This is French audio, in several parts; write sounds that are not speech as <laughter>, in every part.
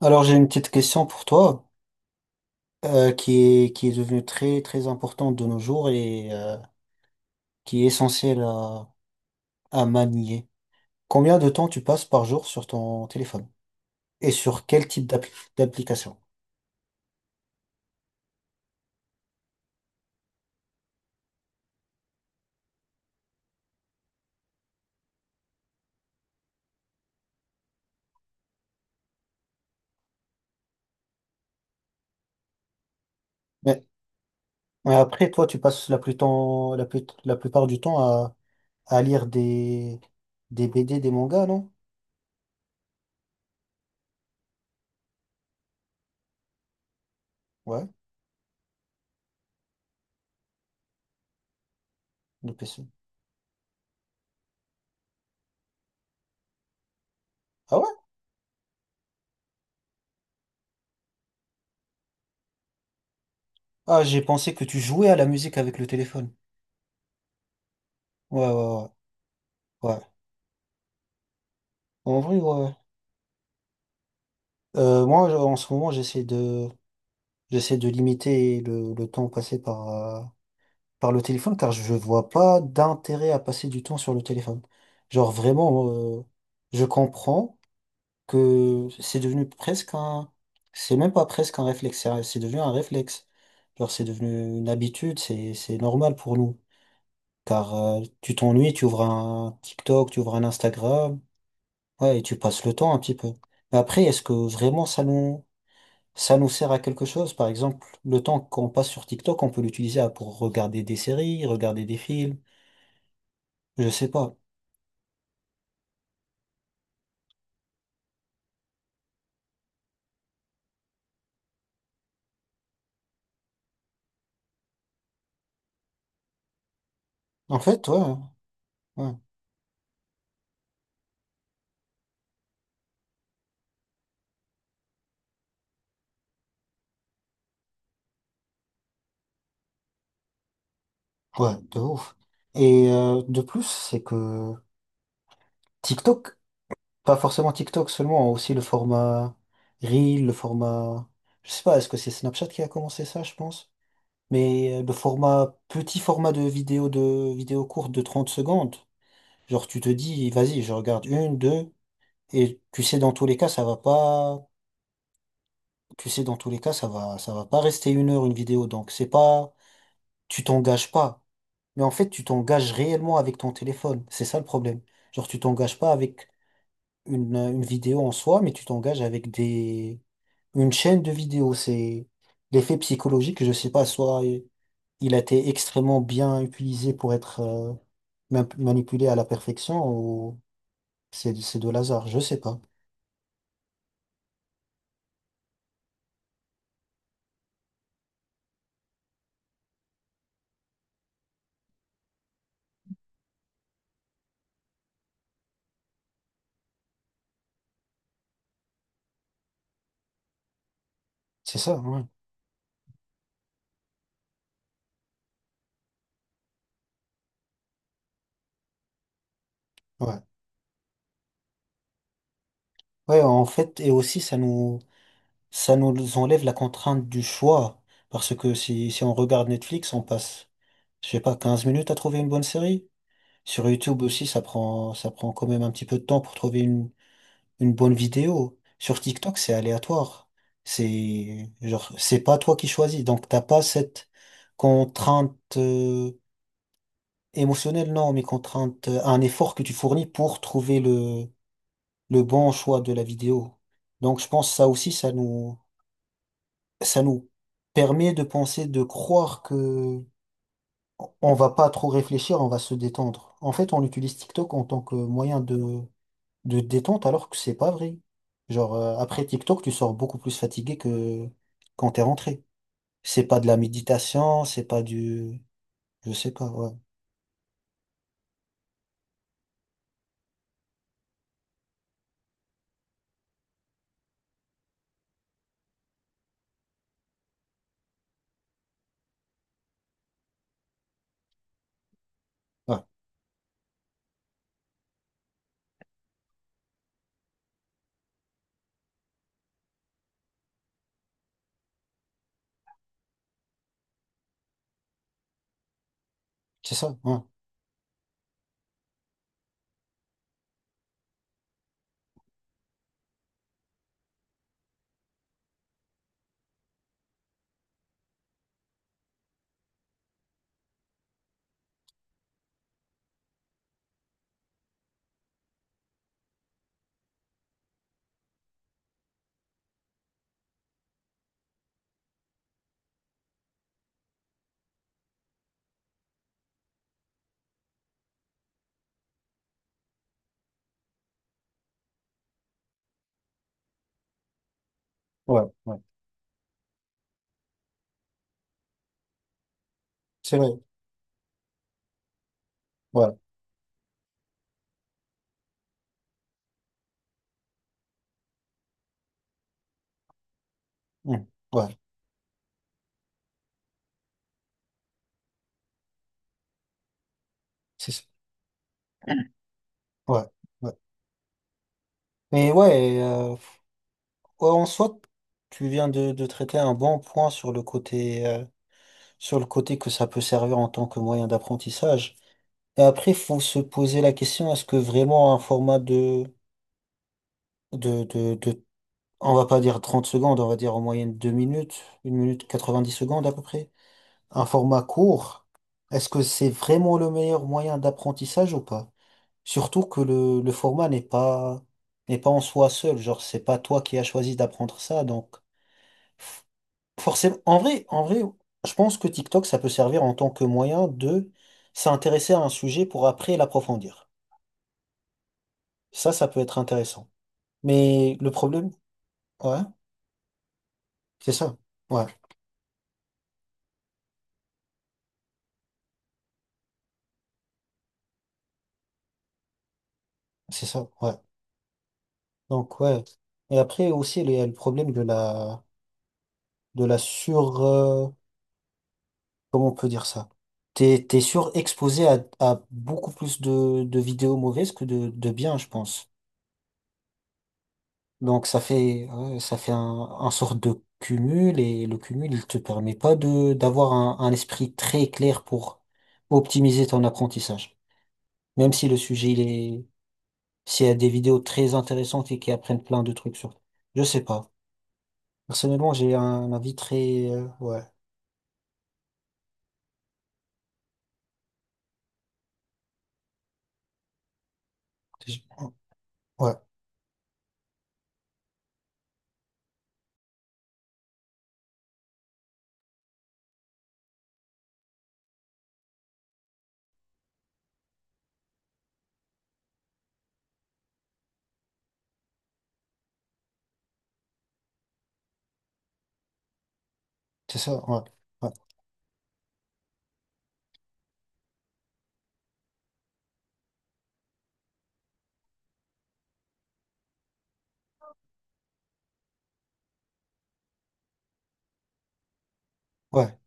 Alors j'ai une petite question pour toi qui est devenue très très importante de nos jours et qui est essentielle à manier. Combien de temps tu passes par jour sur ton téléphone et sur quel type d'application? Mais, mais après toi tu passes la plus temps la plus- la plupart du temps à lire des BD, des mangas, non? Ouais, le PC. Ah ouais? Ah j'ai pensé que tu jouais à la musique avec le téléphone. Ouais ouais ouais. ouais. En vrai, ouais. Moi, en ce moment, j'essaie de limiter le temps passé par le téléphone, car je vois pas d'intérêt à passer du temps sur le téléphone. Genre, vraiment, euh, je comprends que c'est devenu c'est même pas presque un réflexe, c'est devenu un réflexe. Genre, c'est devenu une habitude, c'est normal pour nous. Car, tu t'ennuies, tu ouvres un TikTok, tu ouvres un Instagram, ouais, et tu passes le temps un petit peu. Mais après, est-ce que vraiment ça nous, ça nous sert à quelque chose. Par exemple, le temps qu'on passe sur TikTok, on peut pour regarder des séries, regarder des films. Je sais pas. En fait, ouais, ouais, de ouf. Et de plus, c'est que TikTok, pas forcément TikTok seulement, hein, aussi le format Reel, le format. Je sais pas, est-ce que c'est Snapchat qui a commencé ça, je pense? Mais le format, petit format de vidéo courte de 30 secondes. Genre, tu te dis, vas-y, je regarde une, deux, et tu sais, dans tous les cas, ça va pas tu sais, dans tous les cas, ça va pas rester une heure une vidéo. Donc, c'est pas, tu t'engages pas. Mais en fait, tu t'engages réellement avec ton téléphone. C'est ça le problème. Genre, tu t'engages pas avec une vidéo en soi, mais tu t'engages avec une chaîne de vidéos. C'est l'effet psychologique, je sais pas, soit il a été extrêmement bien utilisé pour être manipulé à la perfection ou c'est de l'hasard. Je sais pas. C'est ça, ouais. Ouais. Ouais, en fait, et aussi, ça nous enlève la contrainte du choix. Parce que si on regarde Netflix, on passe, je sais pas, 15 minutes à trouver une bonne série. Sur YouTube aussi, ça prend quand même un petit peu de temps pour trouver une bonne vidéo. Sur TikTok, c'est aléatoire. C'est, genre, c'est pas toi qui choisis. Donc, t'as pas cette contrainte, euh, émotionnelle, non, mais contrainte, un effort que tu fournis pour trouver le bon choix de la vidéo. Donc, je pense que ça aussi, ça nous permet de penser, de croire que on va pas trop réfléchir, on va se détendre. En fait, on utilise TikTok en tant que de détente alors que c'est pas vrai. Genre, après TikTok, tu sors beaucoup plus fatigué que quand t'es rentré. C'est pas de la méditation, c'est pas du... Je sais pas, ouais. Ouais, c'est ça, ouais. Ouais, ouais. C'est vrai, ouais. Mm. Ouais, c'est ça. Ouais, ouais. Mais ouais, ouais, en soi, tu viens de traiter un bon point sur le côté. Sur le côté que ça peut servir en tant que moyen d'apprentissage. Et après, il faut se poser la question, est-ce que vraiment un format de, de, de, on va pas dire 30 secondes, on va dire en moyenne 2 minutes, une minute 90 secondes à peu près, un format court, est-ce que c'est vraiment le meilleur moyen d'apprentissage ou pas? Surtout que le format n'est pas en soi seul, genre c'est pas toi qui as choisi d'apprendre ça, donc forcément, en vrai, je pense que TikTok, ça peut servir en tant que moyen de s'intéresser à un sujet pour après l'approfondir. Ça peut être intéressant. Mais le problème, ouais, c'est ça. Ouais, c'est ça. Ouais. Donc, ouais. Et après aussi, il y a le problème de la, de la sur, euh, comment on peut dire ça? T'es surexposé à beaucoup plus de vidéos mauvaises que de bien, je pense. Donc ça fait ouais, ça fait un sorte de cumul et le cumul il te permet pas de d'avoir un esprit très clair pour optimiser ton apprentissage. Même si le sujet il est s'il y a des vidéos très intéressantes et qui apprennent plein de trucs sur. Je sais pas. Personnellement j'ai un avis très ouais J'ai- ouais c'est ça ouais ouais ouais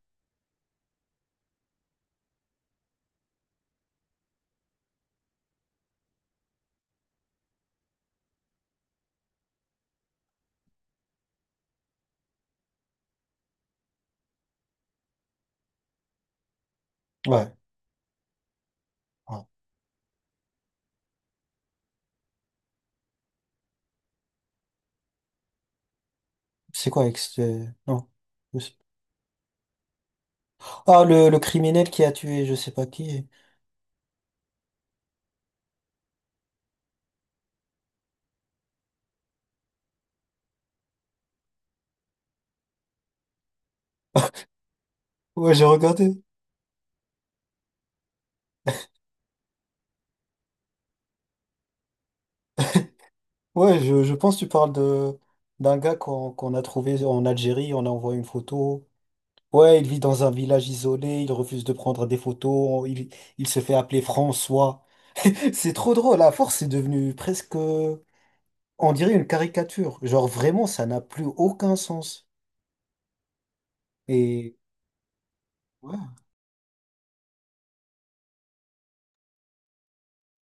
ouais, ouais. C'est quoi avec ce... non Je sais- ah le criminel qui a tué je sais pas qui ouais j'ai regardé Ouais, je pense que tu parles de d'un gars qu'on qu'on a trouvé en Algérie, on a envoyé une photo. Ouais, il vit dans un village isolé, il refuse de prendre des photos, il se fait appeler François. <laughs> C'est trop drôle, à force, c'est devenu presque, on dirait une caricature. Genre vraiment, ça n'a plus aucun sens. Et ouais.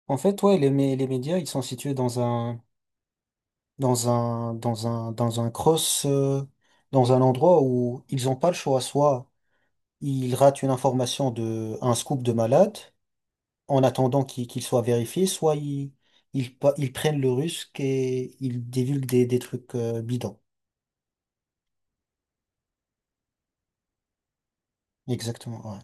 En fait, ouais, les médias, ils sont situés dans un cross, dans un endroit où ils n'ont pas le choix, soit il rate une information de un scoop de malade en attendant qu'il soit vérifié, soit ils ils prennent le risque et ils divulguent des trucs bidons. Exactement. Ouais.